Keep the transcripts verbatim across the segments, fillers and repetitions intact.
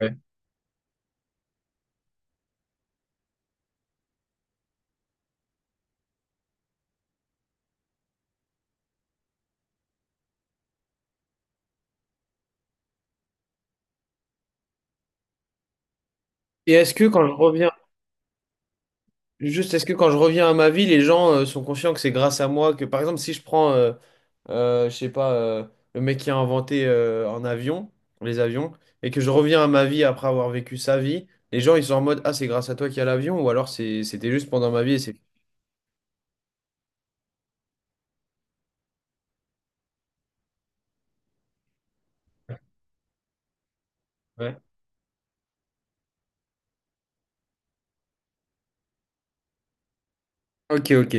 Ouais. Et est-ce que quand je reviens, juste est-ce que quand je reviens à ma vie, les gens euh, sont conscients que c'est grâce à moi que, par exemple, si je prends, euh, euh, je sais pas, euh, le mec qui a inventé euh, un avion, les avions, et que je reviens à ma vie après avoir vécu sa vie, les gens ils sont en mode, ah, c'est grâce à toi qu'il y a l'avion, ou alors c'est, c'était juste pendant ma vie et c'est. Ouais. Ok, ok.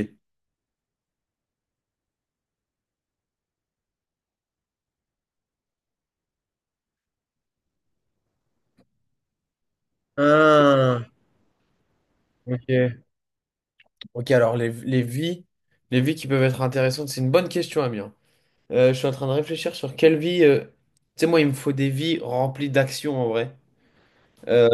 Ah, ok. Ok, alors les, les vies, les vies qui peuvent être intéressantes, c'est une bonne question, Amir. Euh, je suis en train de réfléchir sur quelle vie. euh, Tu sais, moi, il me faut des vies remplies d'actions en vrai. euh,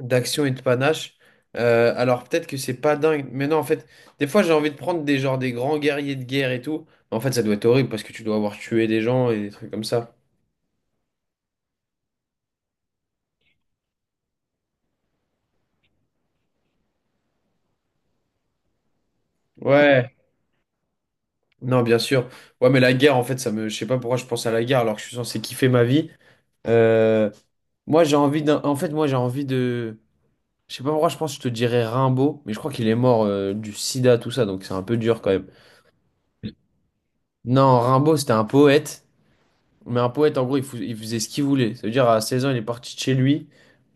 d'action et de panache. Euh, alors peut-être que c'est pas dingue, mais non, en fait, des fois j'ai envie de prendre des genres des grands guerriers de guerre et tout. Mais en fait, ça doit être horrible parce que tu dois avoir tué des gens et des trucs comme ça. Ouais, non, bien sûr. Ouais, mais la guerre, en fait, ça me, je sais pas pourquoi je pense à la guerre alors que je suis censé kiffer ma vie. Euh, Moi, j'ai envie d'un, en fait, moi, j'ai envie de, je sais pas pourquoi je pense, que je te dirais Rimbaud, mais je crois qu'il est mort euh, du sida, tout ça, donc c'est un peu dur quand même. Non, Rimbaud, c'était un poète. Mais un poète, en gros, il, fou- il faisait ce qu'il voulait. Ça veut dire, à seize ans, il est parti de chez lui.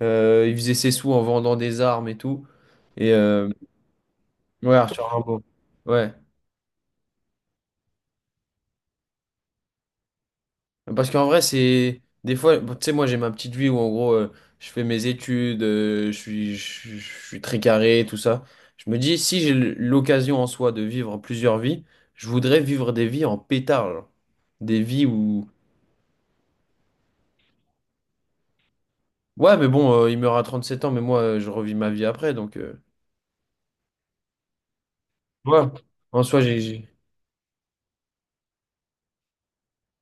Euh, il faisait ses sous en vendant des armes et tout. Et euh, ouais, Arthur Rimbaud. Ouais. Parce qu'en vrai, c'est. Des fois, bon, tu sais, moi, j'ai ma petite vie où, en gros, euh, je fais mes études, euh, je suis, je, je je suis très carré, tout ça. Je me dis, si j'ai l'occasion en soi de vivre plusieurs vies, je voudrais vivre des vies en pétard. genre. Des vies où. Ouais, mais bon, euh, il meurt à trente-sept ans, mais moi, euh, je revis ma vie après, donc. euh, Ouais. En soi, j'ai. J'ai-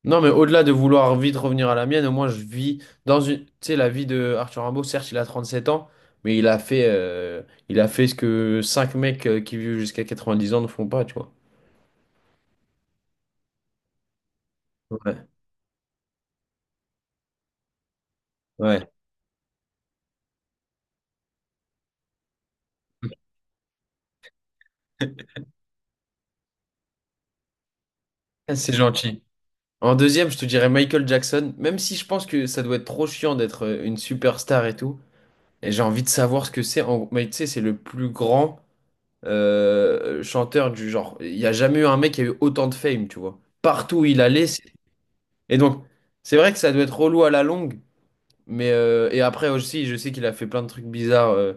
Non, mais au-delà de vouloir vite revenir à la mienne, au moins je vis dans une. Tu sais, la vie de Arthur Rimbaud, certes, il a trente-sept ans, mais il a fait, euh, il a fait ce que cinq mecs euh, qui vivent jusqu'à quatre-vingt-dix ans ne font pas, tu vois. Ouais, ouais. C'est gentil. En deuxième, je te dirais Michael Jackson, même si je pense que ça doit être trop chiant d'être euh, une superstar et tout. Et j'ai envie de savoir ce que c'est. En... Mais tu sais, c'est le plus grand euh, chanteur du genre. Il n'y a jamais eu un mec qui a eu autant de fame, tu vois. Partout où il allait, c'est- Et donc, c'est vrai que ça doit être relou à la longue, mais euh, et après aussi, je sais qu'il a fait plein de trucs bizarres euh,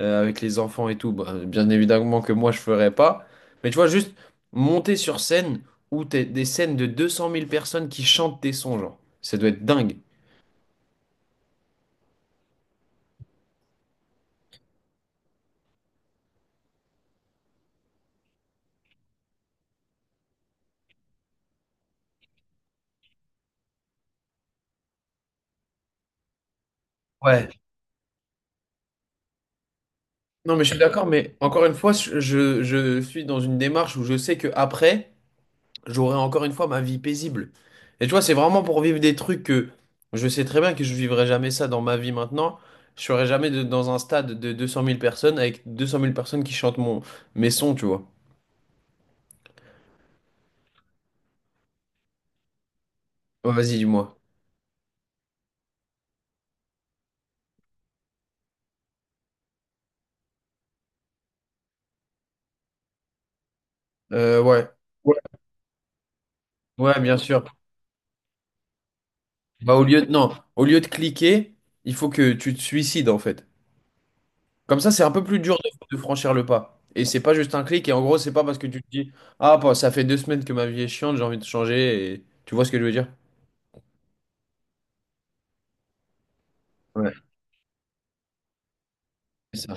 euh, avec les enfants et tout. Bah, bien évidemment que moi, je ferais pas. Mais tu vois, juste monter sur scène où t'es des scènes de deux cent mille personnes qui chantent tes sons, genre, ça doit être dingue. Ouais. Non, mais je suis d'accord, mais encore une fois, je, je je suis dans une démarche où je sais que après. J'aurais encore une fois ma vie paisible. Et tu vois, c'est vraiment pour vivre des trucs que je sais très bien que je vivrai jamais ça dans ma vie maintenant. Je serai jamais de- dans un stade de deux cent mille personnes avec deux cent mille personnes qui chantent mon, mes sons, tu vois. Ouais, vas-y, dis-moi. Euh, ouais. Ouais, Ouais, bien sûr. Bah, au lieu de, non, au lieu de cliquer, il faut que tu te suicides, en fait. Comme ça, c'est un peu plus dur de, de, franchir le pas. Et c'est pas juste un clic. Et en gros, c'est pas parce que tu te dis, ah, bah, ça fait deux semaines que ma vie est chiante, j'ai envie de changer. Et... Tu vois ce que je veux dire? Ouais. C'est ça.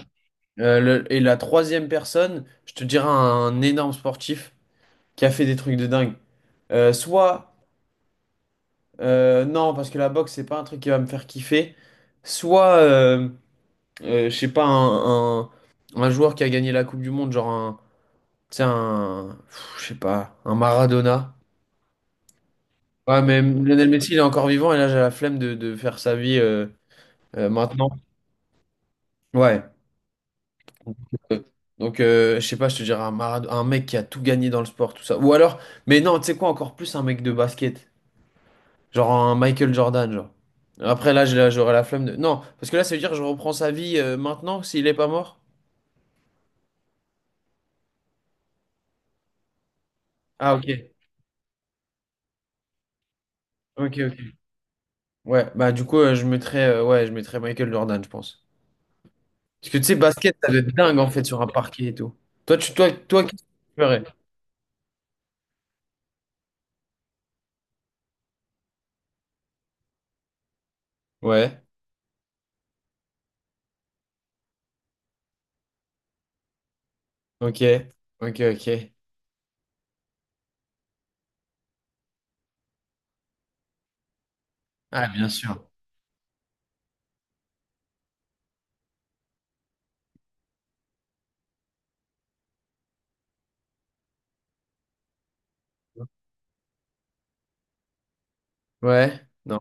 Euh, le- et la troisième personne, je te dirais un énorme sportif qui a fait des trucs de dingue. Euh, soit, euh, non, parce que la boxe, c'est pas un truc qui va me faire kiffer. Soit, euh, euh, je sais pas, un, un, un joueur qui a gagné la Coupe du Monde, genre un, tu sais, un, pff, je sais pas, un Maradona. Ouais, mais Lionel Messi, il est encore vivant et là, j'ai la flemme de, de faire sa vie euh, euh, maintenant. Ouais. Euh, Donc, euh, je sais pas, je te dirais un, Marad- un mec qui a tout gagné dans le sport, tout ça. Ou alors, mais non, tu sais quoi, encore plus un mec de basket. Genre un Michael Jordan, genre. Après, là, j'ai la- j'aurais la flemme de. Non, parce que là, ça veut dire que je reprends sa vie euh, maintenant s'il est pas mort. Ah, ok. Ok, ok. Ouais, bah, du coup, euh, je mettrais, euh, ouais, je mettrais Michael Jordan, je pense. Parce que tu sais, basket, ça doit être dingue, en fait, sur un parquet et tout. Toi, tu, toi, toi, qu'est-ce que tu ferais? Ouais, ok. Ok, ok. Ah, bien sûr. Ouais. non.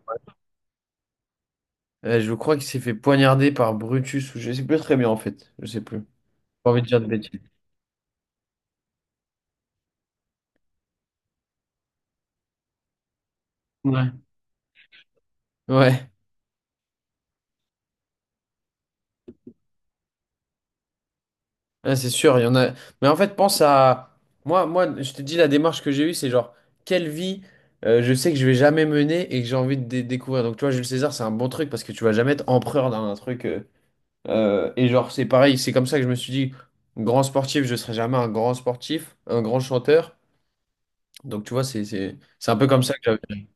Euh, je crois qu'il s'est fait poignarder par Brutus ou je sais plus très bien en fait. Je sais plus. Pas envie de dire de bêtises. Ouais. Ouais, Ouais, c'est sûr, il y en a. Mais en fait, pense à. Moi, moi, je te dis la démarche que j'ai eue, c'est genre, quelle vie euh, je sais que je vais jamais mener et que j'ai envie de dé- découvrir. Donc, tu vois, Jules César, c'est un bon truc parce que tu vas jamais être empereur d'un truc. euh, euh, et genre, c'est pareil, c'est comme ça que je me suis dit, grand sportif, je serai jamais un grand sportif, un grand chanteur. Donc, tu vois, c'est, c'est, c'est un peu comme ça que j'avais.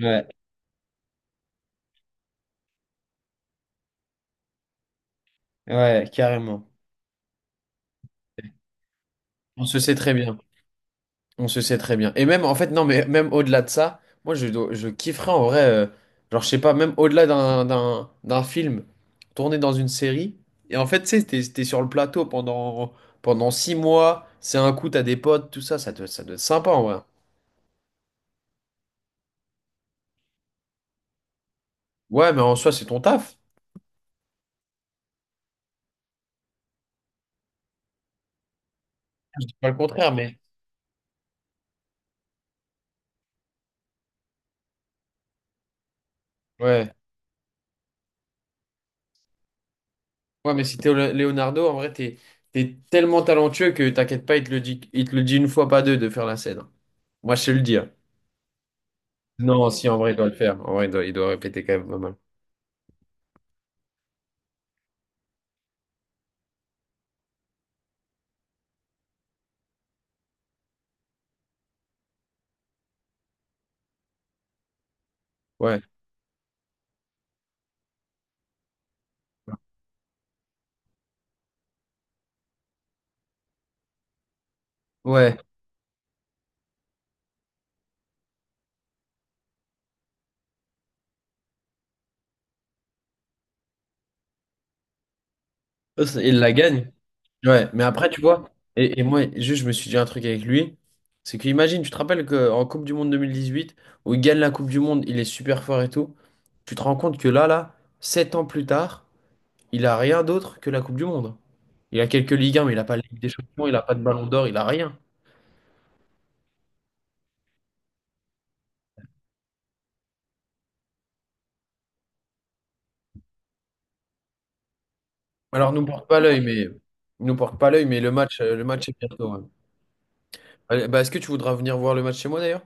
Ouais, ouais, carrément. On se sait très bien. On se sait très bien. Et même, en fait, non, mais même au-delà de ça, moi, je, dois- je kifferais en vrai, euh, genre, je sais pas, même au-delà d'un, d'un, d'un film tourné dans une série. Et en fait, tu sais, t'es, t'es sur le plateau pendant, pendant six mois, c'est un coup, t'as des potes, tout ça, ça doit, ça doit être sympa en vrai. Ouais, mais en soi, c'est ton taf. Je dis pas le contraire, mais. Ouais. Ouais, mais si t'es Lé- Leonardo, en vrai, t'es, t'es tellement talentueux que t'inquiète pas, il te le dit, il te le dit une fois, pas deux, de faire la scène. Moi, je sais le dire. Non, si, en vrai, il doit le faire. En vrai, il doit, il doit répéter quand même pas mal. Ouais, ouais, Eux, c'est- Ils la gagne. ouais. Mais après, tu vois, et, et moi, juste, je me suis dit un truc avec lui, c'est que imagine, tu te rappelles qu'en Coupe du Monde deux mille dix-huit, où il gagne la Coupe du Monde, il est super fort et tout, tu te rends compte que là, là, sept ans plus tard, il a rien d'autre que la Coupe du Monde. Il a quelques Ligue un, mais il a pas de Ligue des Champions, il a pas de Ballon d'Or, il a rien. Alors, nous porte pas l'œil, mais nous porte pas l'œil, mais le match, euh, le match est bientôt. ouais. Allez, bah, est-ce que tu voudras venir voir le match chez moi d'ailleurs?